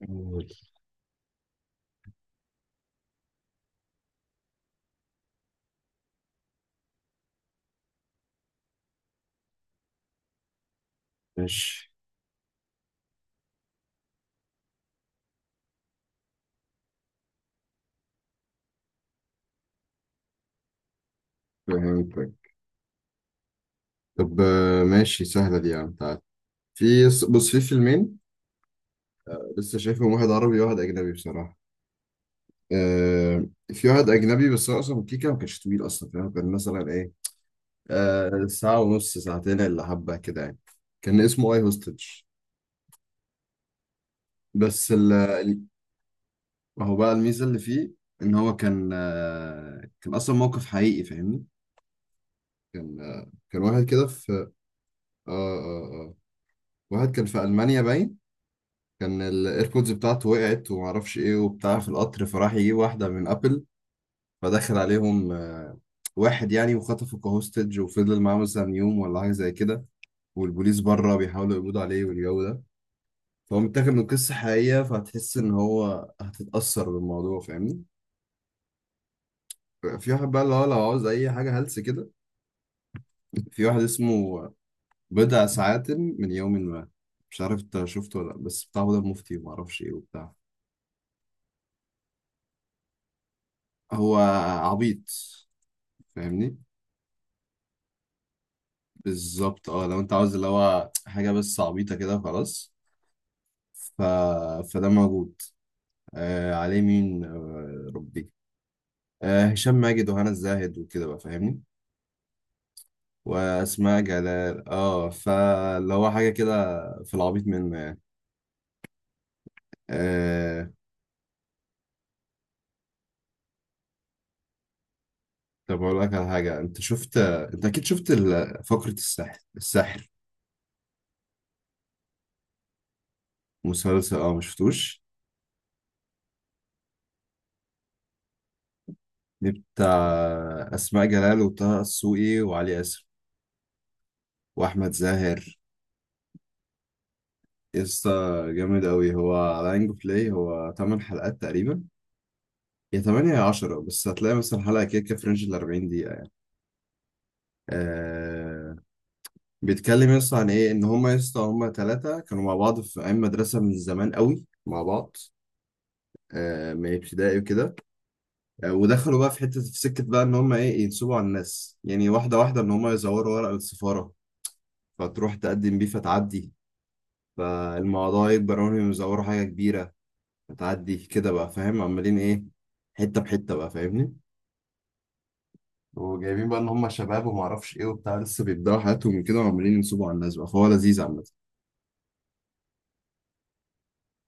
طيب، ماشي، فهمتك. طب ماشي، سهلة دي يا عم، تعال في بص، في فيلمين لسه شايفهم، واحد عربي وواحد أجنبي بصراحة. في واحد أجنبي، بس هو أصلا كيكة، ما كانش طويل أصلا فاهم؟ كان مثلا إيه، ساعة ونص، ساعتين إلا حبة كده يعني. كان اسمه أي هوستج. بس ال ال- هو بقى الميزة اللي فيه إن هو كان أصلا موقف حقيقي فاهمني. كان واحد كده في آه آه آه واحد كان في ألمانيا باين، كان الايربودز بتاعته وقعت ومعرفش ايه وبتاع في القطر، فراح يجيب واحدة من ابل، فدخل عليهم واحد يعني، وخطفه كهوستج وفضل معاه مثلا يوم ولا حاجة زي كده، والبوليس بره بيحاولوا يقبضوا عليه والجو ده. فهو متاخد من قصة حقيقية، فهتحس ان هو هتتأثر بالموضوع فاهمني. في واحد بقى اللي هو لو عاوز اي حاجة هلس كده، في واحد اسمه بضع ساعات من يوم ما. مش عارف انت شفته ولا لأ، بس بتاع هدى المفتي ومعرفش ايه وبتاع. هو عبيط فاهمني. بالظبط اه، لو انت عاوز اللي هو حاجة بس عبيطة كده وخلاص. ف... فده موجود. عليه مين، آه ربي، هشام ماجد وهنا الزاهد وكده بقى فاهمني. وأسماء جلال، فاللي هو حاجة كده، في العبيط منه يعني. آه طب أقول لك على حاجة، أنت شفت، أنت أكيد شفت فقرة السحر السحر. مسلسل، مشفتوش. دي بتاع أسماء جلال وطه السوقي وعلي آسر وأحمد زاهر. يسطا جامد أوي، هو على أنجو بلاي، هو 8 حلقات تقريبا، يا 8 يا 10، بس هتلاقي مثلا حلقة كده كده في رينج 40 دقيقة يعني. آه بيتكلم يسطا عن إيه، إن هما يسطا هما تلاتة كانوا مع بعض في أيام مدرسة من زمان أوي مع بعض، من ابتدائي وكده. ودخلوا بقى في حتة في سكة، بقى إن هما إيه، ينصبوا على الناس يعني، واحدة واحدة، إن هما يزوروا ورق السفارة، فتروح تقدم بيه فتعدي، فالموضوع يكبر وهم يزوروا حاجة كبيرة، هتعدي كده بقى فاهم عمالين ايه، حته بحته بقى فاهمني. وجايبين بقى ان هم شباب وما اعرفش ايه وبتاع، لسه بيبداوا حياتهم كده وعمالين ينصبوا على الناس بقى، فهو لذيذ عامه.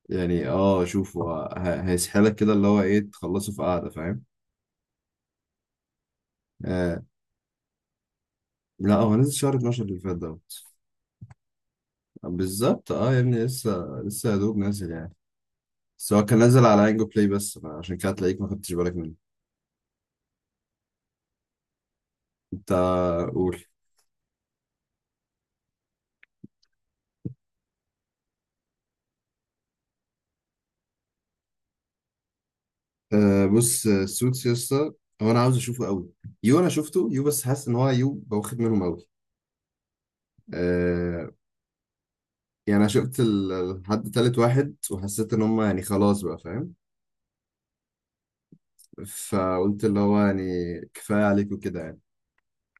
يعني شوف، هيسحلك كده، اللي هو ايه، تخلصه في قعده فاهم. آه لا، هو نزل شهر 12 اللي فات دوت. بالظبط اه يا ابني، لسه لسه، يا دوب نازل يعني. بس هو كان نازل على انجو بلاي بس، فعشان كده تلاقيك ما خدتش بالك منه. انت قول. آه بص، السوتس يا اسطى، هو انا عاوز اشوفه قوي. يو انا شفته يو، بس حاسس ان هو يو بواخد منهم قوي. آه يعني انا شفت لحد تالت واحد، وحسيت ان هم يعني خلاص بقى فاهم. فقلت اللي هو يعني كفايه عليك وكده يعني.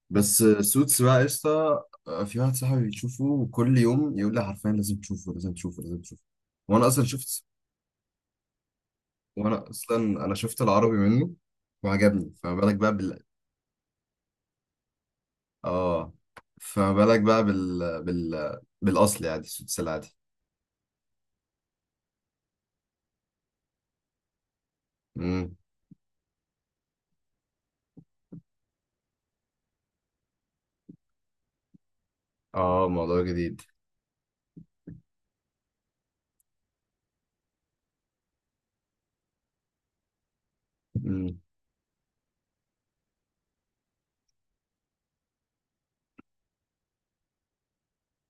بس سوتس بقى يا اسطى. في واحد صاحبي بيشوفه كل يوم، يقول لي حرفيا لازم تشوفه لازم تشوفه لازم تشوفه. وانا اصلا شفت وانا اصلا انا شفت العربي منه وعجبني، فما بالك بقى. اه، فما بالك بقى بالاصل يعني، السدس العادي. امم اه، موضوع جديد. امم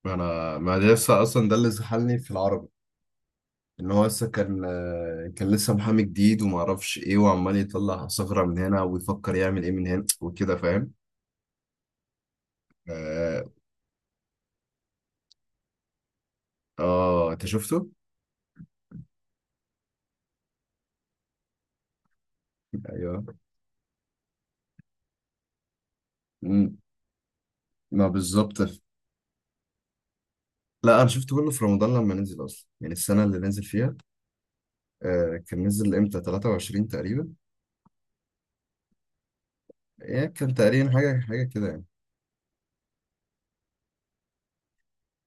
انا ما ده لسه اصلا، ده اللي زحلني في العربي، ان هو لسه كان لسه محامي جديد وما اعرفش ايه، وعمال يطلع ثغرة من هنا ويفكر يعمل ايه من هنا وكده فاهم. اه انت شفته. ايوه. امم ما بالظبط. لا، انا شفته كله في رمضان لما نزل، اصلا يعني السنة اللي نزل فيها. كان نزل امتى، 23 تقريبا، يعني كان تقريبا حاجة حاجة كده يعني.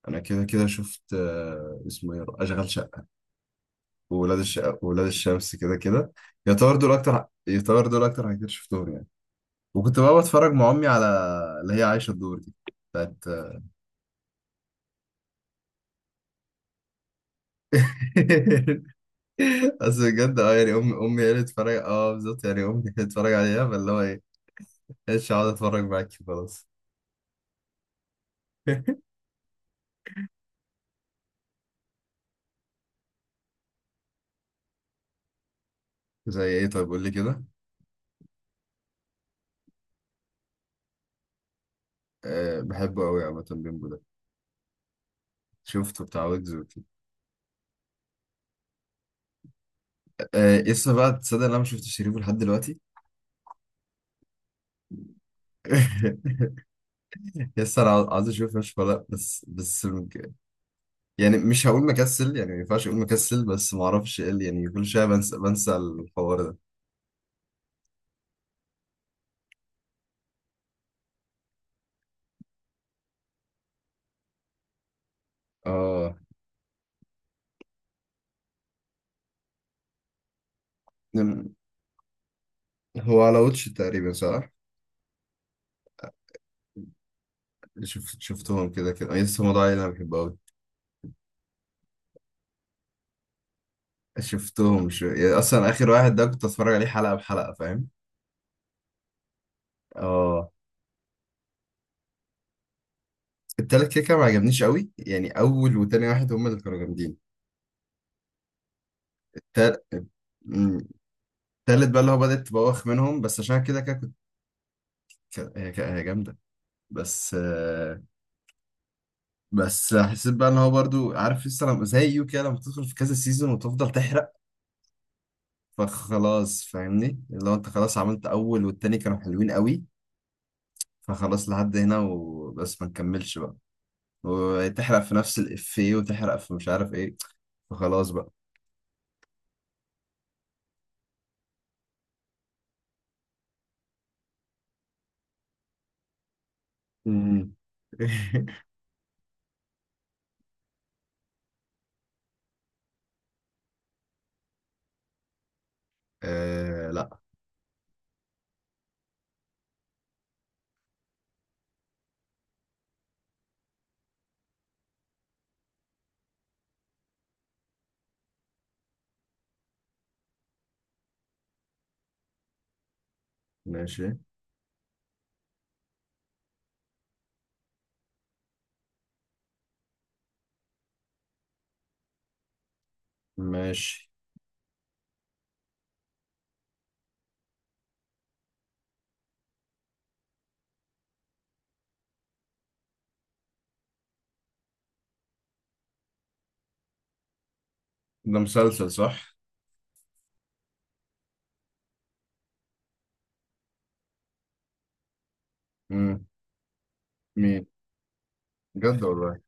أنا كده كده شفت اسمه إيه، أشغال شقة وولاد الشقة وولاد الشمس كده كده. يعتبر دول أكتر حاجات شفتهم يعني. وكنت بقى بتفرج مع أمي على اللي هي عايشة الدور دي، بتاعت بس بجد يعني، أمي أمي هي اللي بتتفرج، بالظبط، يعني أمي هي اللي بتتفرج عليها، فاللي هو إيه، مش هقعد أتفرج معاكي خلاص. زي إيه طيب، قول لي كده. أه، بحبه أوي عامة بيمبو ده. شفته بتاع ويجز وكده. آه لسه بقى، تصدق إن انا ما شفتش شريفه لحد دلوقتي؟ يس انا عاوز اشوف، مش ولا بس يعني مش هقول مكسل، يعني ما ينفعش اقول مكسل، بس ما اعرفش ايه يعني كل شويه بنسى بنسى الحوار ده. اه نم- هو على واتش تقريبا صح؟ شفتهم كده كده، يس هو ده اللي انا بحبه قوي. شفتهم يعني اصلا اخر واحد ده، كنت اتفرج عليه حلقه بحلقه فاهم. اه، التالت كده كده ما عجبنيش قوي يعني، اول وتاني واحد هم اللي كانوا جامدين. التال- مم. التالت بقى اللي هو بدأت تبوخ منهم، بس عشان كده كده كنت ك- هي هي جامدة. بس آه، بس حسيت بقى ان هو برضو، عارف لسه لما زي يو كده، لما تدخل في كذا سيزون وتفضل تحرق، فخلاص فاهمني، اللي هو انت خلاص عملت اول والتاني كانوا حلوين قوي، فخلاص لحد هنا وبس ما نكملش بقى، وتحرق في نفس الافيه وتحرق في مش عارف ايه، فخلاص بقى. امم. آه لا، ماشي ماشي. ده مسلسل صح؟ امم. مين؟ بجد والله.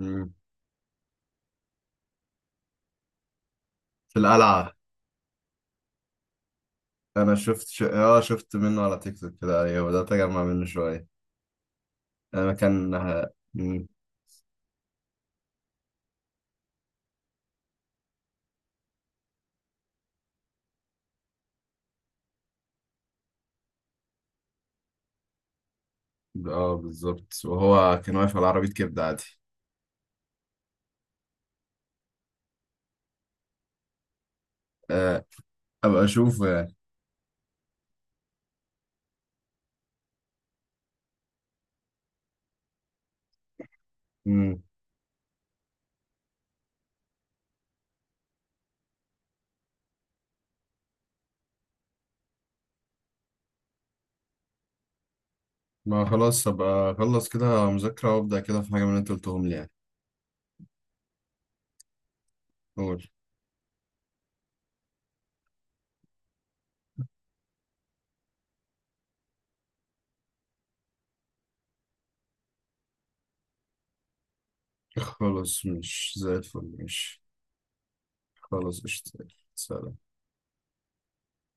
امم. في القلعة. انا شفت ش... اه شفت منه على تيك توك كده، ايوه بدأت اجمع منه شوية. انا كان. مم. اه بالظبط، وهو كان واقف على عربية كبدة عادي. آه ابقى اشوفه يعني. مم. ما خلاص، ابقى اخلص كده مذاكرة وابدأ كده في حاجة من اللي انت قلتهم لي يعني. قول. خلاص، مش زي الفل مش. خلاص، اشتغل، سلام.